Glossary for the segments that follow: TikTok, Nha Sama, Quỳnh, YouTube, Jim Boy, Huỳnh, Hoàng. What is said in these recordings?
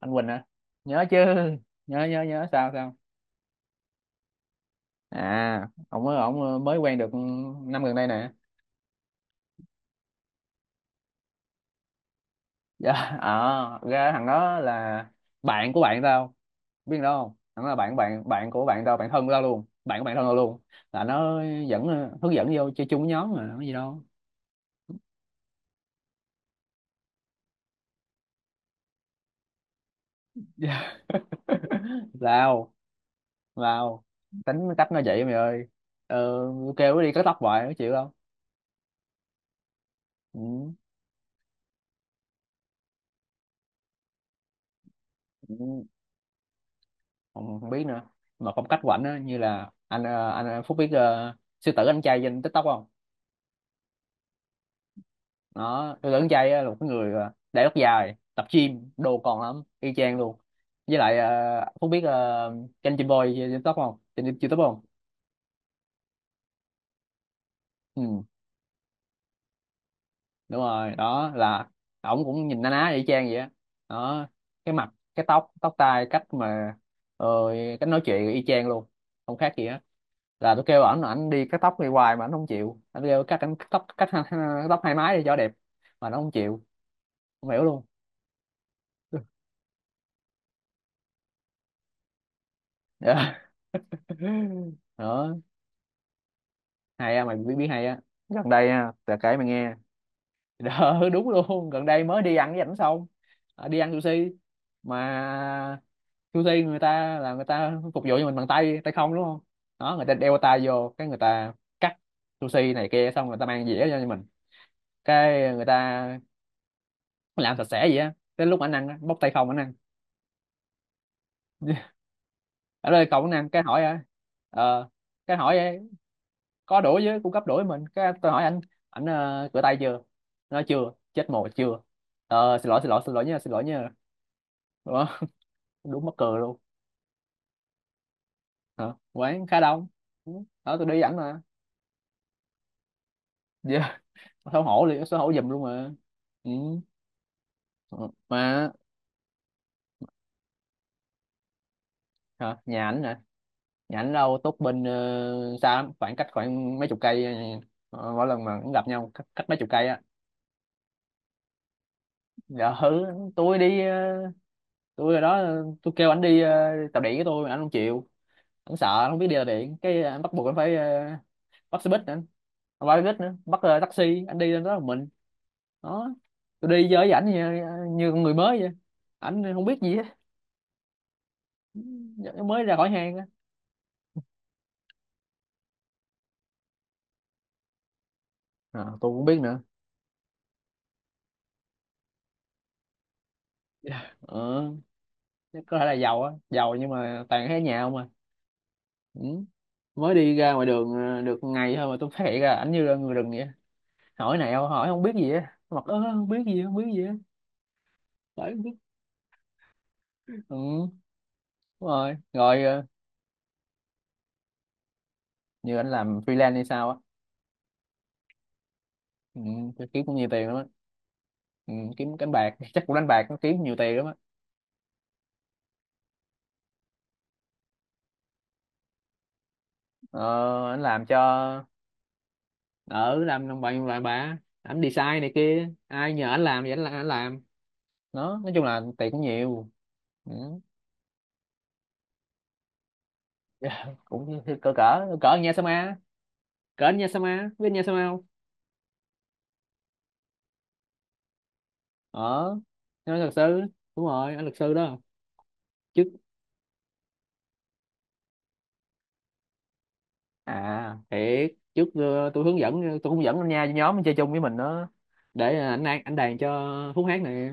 Anh Quỳnh hả? Nhớ chứ. Nhớ nhớ nhớ sao sao? À, ông mới quen được năm gần đây nè. Dạ. Ra thằng đó là bạn của bạn tao. Biết đâu không, thằng đó là bạn bạn bạn của bạn tao, bạn thân của tao luôn, bạn của bạn thân tao luôn. Là nó dẫn, hướng dẫn vô chơi chung với nhóm mà có gì đâu. Dạ. Lao, lao, tính cách nó vậy mày ơi. ờ, Kêu nó đi cắt tóc hoài nó chịu không. Ừ. Ừ, không không biết nữa. Mà phong cách của ảnh á như là anh anh Phúc biết sư tử anh trai trên TikTok không? Nó sư tử anh trai á là một cái người để tóc dài, tập gym đồ còn lắm, y chang luôn. Với lại Phúc biết kênh Jim Boy trên TikTok không, trên YouTube không? Ừ. Đúng rồi, đó là ổng cũng nhìn na ná y chang vậy á. Đó, cái mặt, cái tóc tóc tai, cách mà ờ, cách nói chuyện y chang luôn, không khác gì hết. Là tôi kêu ảnh là ảnh đi cắt tóc đi hoài mà ảnh không chịu. Anh kêu cắt, ảnh cắt tóc, cắt tóc hai mái đi cho đẹp mà nó không chịu. Không hiểu luôn. Dạ. Đó, hay á mày, biết biết hay á, gần đây á là kể mày nghe. Đó, đúng luôn, gần đây mới đi ăn với ảnh xong. Ờ, đi ăn sushi mà sushi người ta là người ta phục vụ cho mình bằng tay tay không đúng không? Đó, người ta đeo tay vô cái người ta cắt sushi này kia, xong người ta mang dĩa cho mình, cái người ta làm sạch sẽ vậy á. Tới lúc ảnh ăn á, bóc tay không ảnh ăn. Ở đây cậu ảnh ăn cái hỏi á. Ờ, cái hỏi á, có đũa với cung cấp đũa với mình, cái tôi hỏi anh ảnh rửa tay chưa. Nó nói chưa, chết mồ chưa. Ờ, xin lỗi nha, xin lỗi nha. Ủa, đúng mắc cười luôn. Hả? Quán khá đông. Ừ, đó, tôi đi với ảnh mà. Giờ xấu hổ liền, xấu hổ giùm luôn mà. Ừ. Ờ, mà hả? Nhà ảnh nè, nhà ảnh đâu tốt bên. Uh, xa lắm, khoảng cách khoảng mấy chục cây. Ờ, mỗi lần mà cũng gặp nhau cách, cách mấy chục cây á. Dạ hử. Tôi đi tôi ở đó, tôi kêu ảnh đi tàu điện với tôi mà ảnh không chịu. Ảnh sợ, ảnh không biết đi tàu điện, cái ảnh bắt buộc ảnh phải bắt xe buýt nữa. Không phải xe buýt nữa, bắt taxi ảnh đi lên đó một mình. Đó, tôi đi chơi với ảnh như con người mới vậy. Ảnh không biết gì hết. Dạ, mới ra khỏi hang á. À, tôi cũng biết nữa. Dạ. Ờ, chắc có thể là giàu á, giàu nhưng mà toàn thấy ở nhà không à. Ừ, mới đi ra ngoài đường được ngày thôi mà tôi phát hiện ra ảnh như là người rừng vậy. Hỏi nào hỏi không biết gì á, mặt ớ không biết gì, không biết gì á, phải không biết. Ừ, đúng rồi rồi ờ, như anh làm freelance hay sao á. Ừ, kiếm cũng nhiều tiền lắm á. Ừ, kiếm đánh bạc. Chắc cũng đánh bạc nó kiếm nhiều tiền lắm á. Ờ, anh làm cho ở làm đồng bằng lại bà ảnh design này kia, ai nhờ anh làm thì anh làm. Nó nói chung là tiền cũng nhiều. Ừ. Cũng cỡ cỡ cỡ anh nha Sama. Cỡ anh nha Sama, biết anh nha Sama không? Ở, nói luật sư. Đúng rồi, anh luật sư đó. Trước, à thế trước tôi hướng dẫn, tôi cũng dẫn anh nha nhóm anh chơi chung với mình đó, để anh đàn cho Phúc hát nè.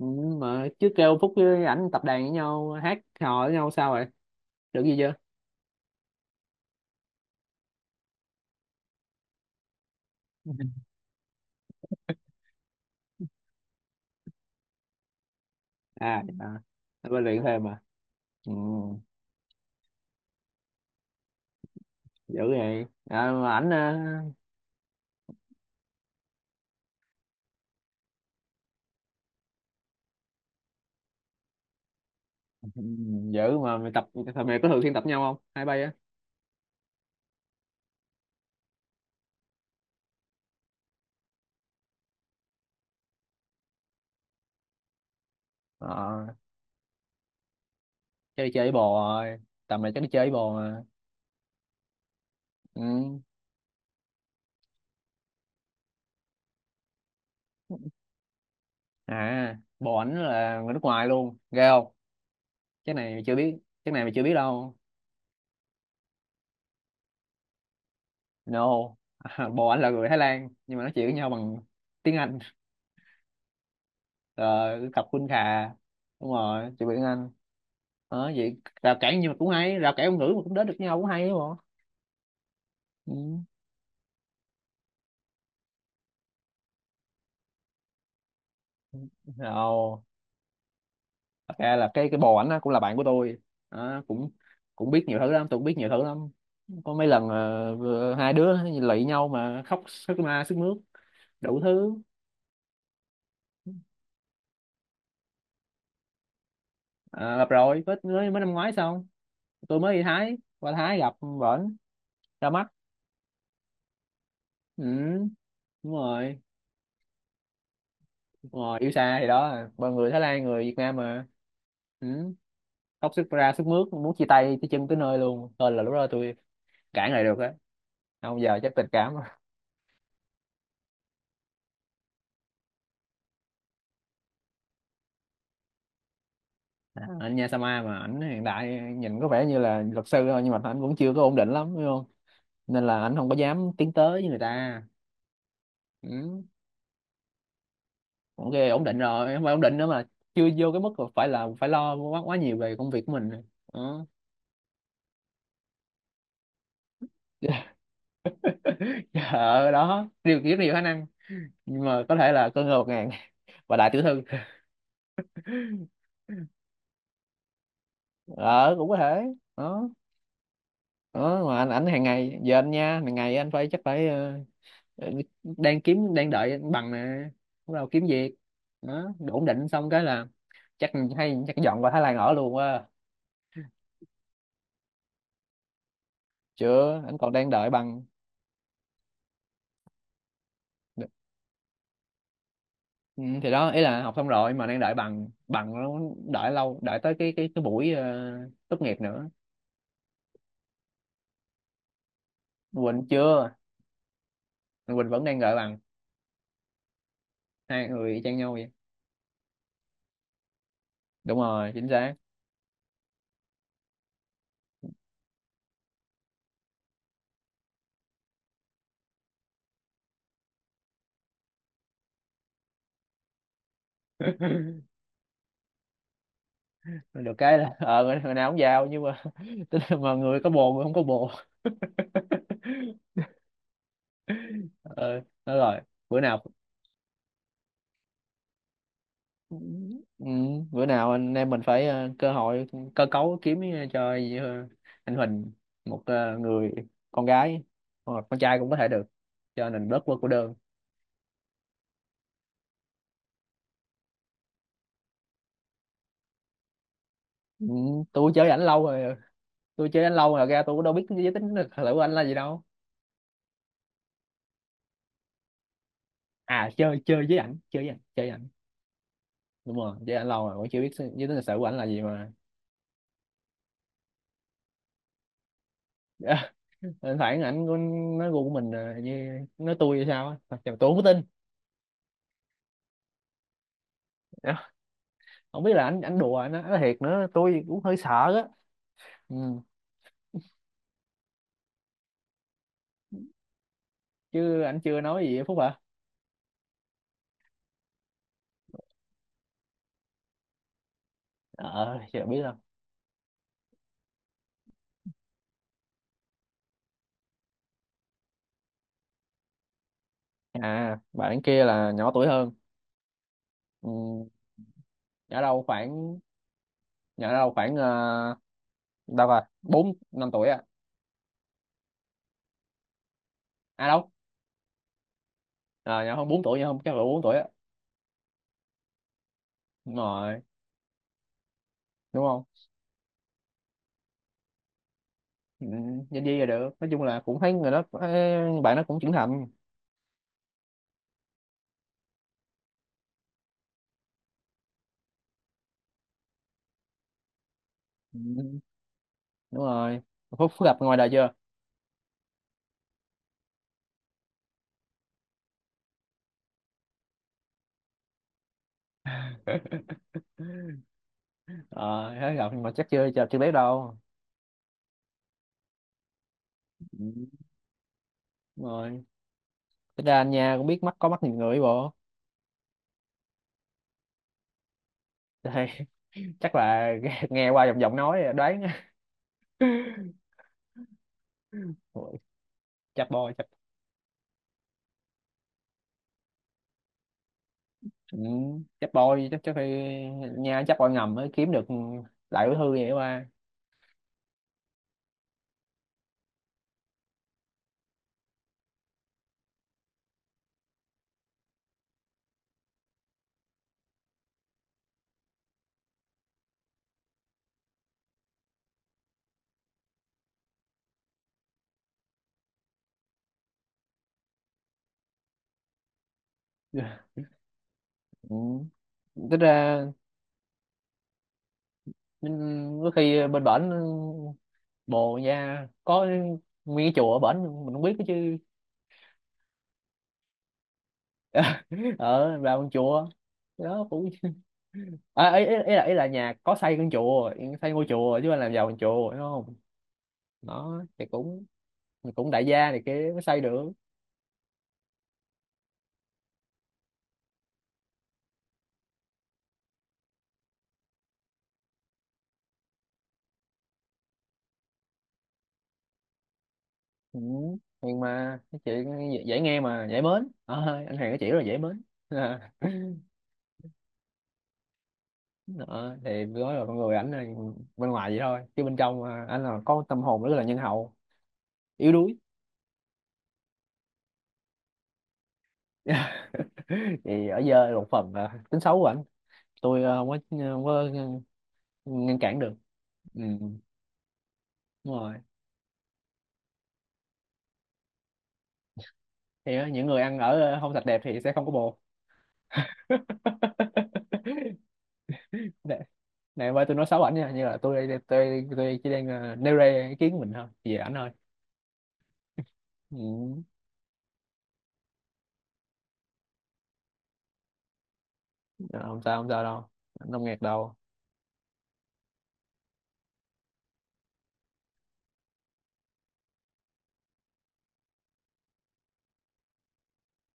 Ừ, mà chứ kêu Phúc với ảnh tập đàn với nhau, hát hò với nhau sao rồi, được gì chưa? À, à, bên luyện thêm mà. Ừ, dữ vậy à, mà ảnh ừ, dữ mà mày tập, thằng mày có thường xuyên tập nhau không hai bay á. Ờ, chơi chơi với bồ rồi, tầm này chắc đi chơi với bồ mà. Ừ. À, bồ ảnh là người nước ngoài luôn, ghê không? Cái này mày chưa biết, cái này mày chưa biết đâu. No. Bồ anh là người Thái Lan nhưng mà nói chuyện với nhau bằng tiếng Anh. Rồi cặp Khun Khà. Đúng rồi, chuyện bằng Anh. Đó, vậy rào cản, nhưng mà cũng hay, rào cản ngôn ngữ mà cũng đến được nhau cũng hay đúng không? Ừ. Rồi, thật ra là cái bồ ảnh á, cũng là bạn của tôi. Đó, cũng cũng biết nhiều thứ lắm, tôi cũng biết nhiều thứ lắm. Có mấy lần hai đứa lụy nhau mà khóc sướt mướt đủ thứ. À, gặp rồi, mới mới mới năm ngoái xong tôi mới đi Thái, qua Thái gặp bển, ra mắt. Ừ. Đúng rồi. Đúng rồi, yêu xa thì đó ba, người Thái Lan người Việt Nam mà. Ừ. Khóc sức ra sức mướt, muốn chia tay tới chân tới nơi luôn, thôi là lúc đó tôi cãi lại được á. Không, giờ chắc tình cảm á. À, anh Nha Sama mà ảnh hiện tại nhìn có vẻ như là luật sư thôi nhưng mà ảnh vẫn chưa có ổn định lắm đúng không, nên là ảnh không có dám tiến tới với người ta. Ừ. Ok, ổn định rồi, không phải ổn định nữa mà chưa vô cái mức là phải lo quá quá nhiều về công việc của mình. Ừ. Ờ, đó điều rất nhiều khả năng. Nhưng mà có thể là con ngựa một ngàn và đại tiểu thư. Ờ, cũng có thể. Đó, đó mà ảnh hàng ngày, giờ anh nha hàng ngày anh phải chắc phải đang kiếm, đang đợi anh bằng nè, bắt đầu kiếm việc. Đó, đủ ổn định xong cái là chắc, hay chắc dọn qua Thái Lan ở luôn quá. Chưa, anh còn đang đợi bằng. Ừ, thì đó ý là học xong rồi mà đang đợi bằng, bằng nó đợi lâu, đợi tới cái buổi tốt nghiệp nữa. Quỳnh chưa, Quỳnh vẫn đang đợi bằng, hai người y chang nhau vậy. Đúng rồi, chính xác. Được cái là ờ, người người nào cũng giàu nhưng mà tức là mà người có bồ, người không có bồ. Ờ, nói rồi. Bữa nào, ừ, bữa nào anh em mình phải cơ hội, cơ cấu kiếm cho ờ, anh Huỳnh một người con gái, hoặc con trai cũng có thể được, cho nên bớt bớt cô đơn. Ừ, tôi chơi ảnh lâu rồi. Tôi chơi ảnh lâu rồi ra, tôi cũng đâu biết giới tính được thử của anh là gì đâu. À, chơi chơi với ảnh chơi với ảnh chơi với ảnh. Đúng rồi, chứ ảnh lâu rồi cũng chưa biết giới tính lịch sử của ảnh là gì mà. Thỉnh thoảng ảnh có nói gu của mình ờ, như nói tôi hay sao á. Thật sự tôi không có tin. Dạ, không biết là ảnh ảnh đùa ảnh nói thiệt nữa, tôi cũng hơi sợ á. Ừ. Chứ ảnh chưa nói gì á Phúc hả? Ờ, chưa biết đâu. À, bạn kia là nhỏ tuổi hơn. Ừ. Nhỏ đâu khoảng, nhỏ đâu khoảng đâu rồi bốn năm tuổi à. À đâu, à, nhỏ hơn 4 tuổi, nhỏ hơn chắc là bốn tuổi á. Đúng rồi, đúng không. Ừ, nhân viên là được, nói chung là cũng thấy người đó ấy, bạn nó cũng trưởng thành. Ừ, đúng rồi. Phúc gặp ngoài đời chưa? Ờ, thấy gặp mà chắc chưa chưa chưa biết đâu. Ừ, đúng rồi. Tính ra anh nha cũng biết mắt, có mắt nhìn người bộ. Đây, chắc là nghe nghe qua giọng giọng nói đoán. Ôi, chắc. Ừ, chắc phải nha, chắc bôi ngầm mới kiếm được đại bí thư vậy qua. Ừ. Tính ra, ừ, có khi bên bển bồ nha có nguyên cái chùa ở bển mình không biết đó chứ. Ở vào con chùa. Đó cũng, à, ý là nhà có xây con chùa, xây ngôi chùa chứ không làm giàu con chùa đúng không? Đó thì cũng, thì cũng đại gia này kia mới xây được. Ừ. Nhưng mà cái chuyện dễ, dễ nghe mà dễ mến. Ờ, anh Hoàng nói chuyện rất là dễ mến. Đó, thì nói là con người ảnh là bên ngoài vậy thôi, chứ bên trong à, anh là có tâm hồn rất là nhân hậu, yếu đuối. Thì ở dơ là một phần à, tính xấu của ảnh. Tôi không có ờ, ngăn cản được. Ừ, đúng rồi. Thì á, những người ăn ở không sạch đẹp thì sẽ không có bồ. Này, này ơi, tôi nói xấu ảnh nha, như là tôi đây tôi chỉ đang nêu ra ý kiến của mình thôi, về ảnh thôi. Ừ. Ờ, không sao, không sao đâu, không ngạc đâu.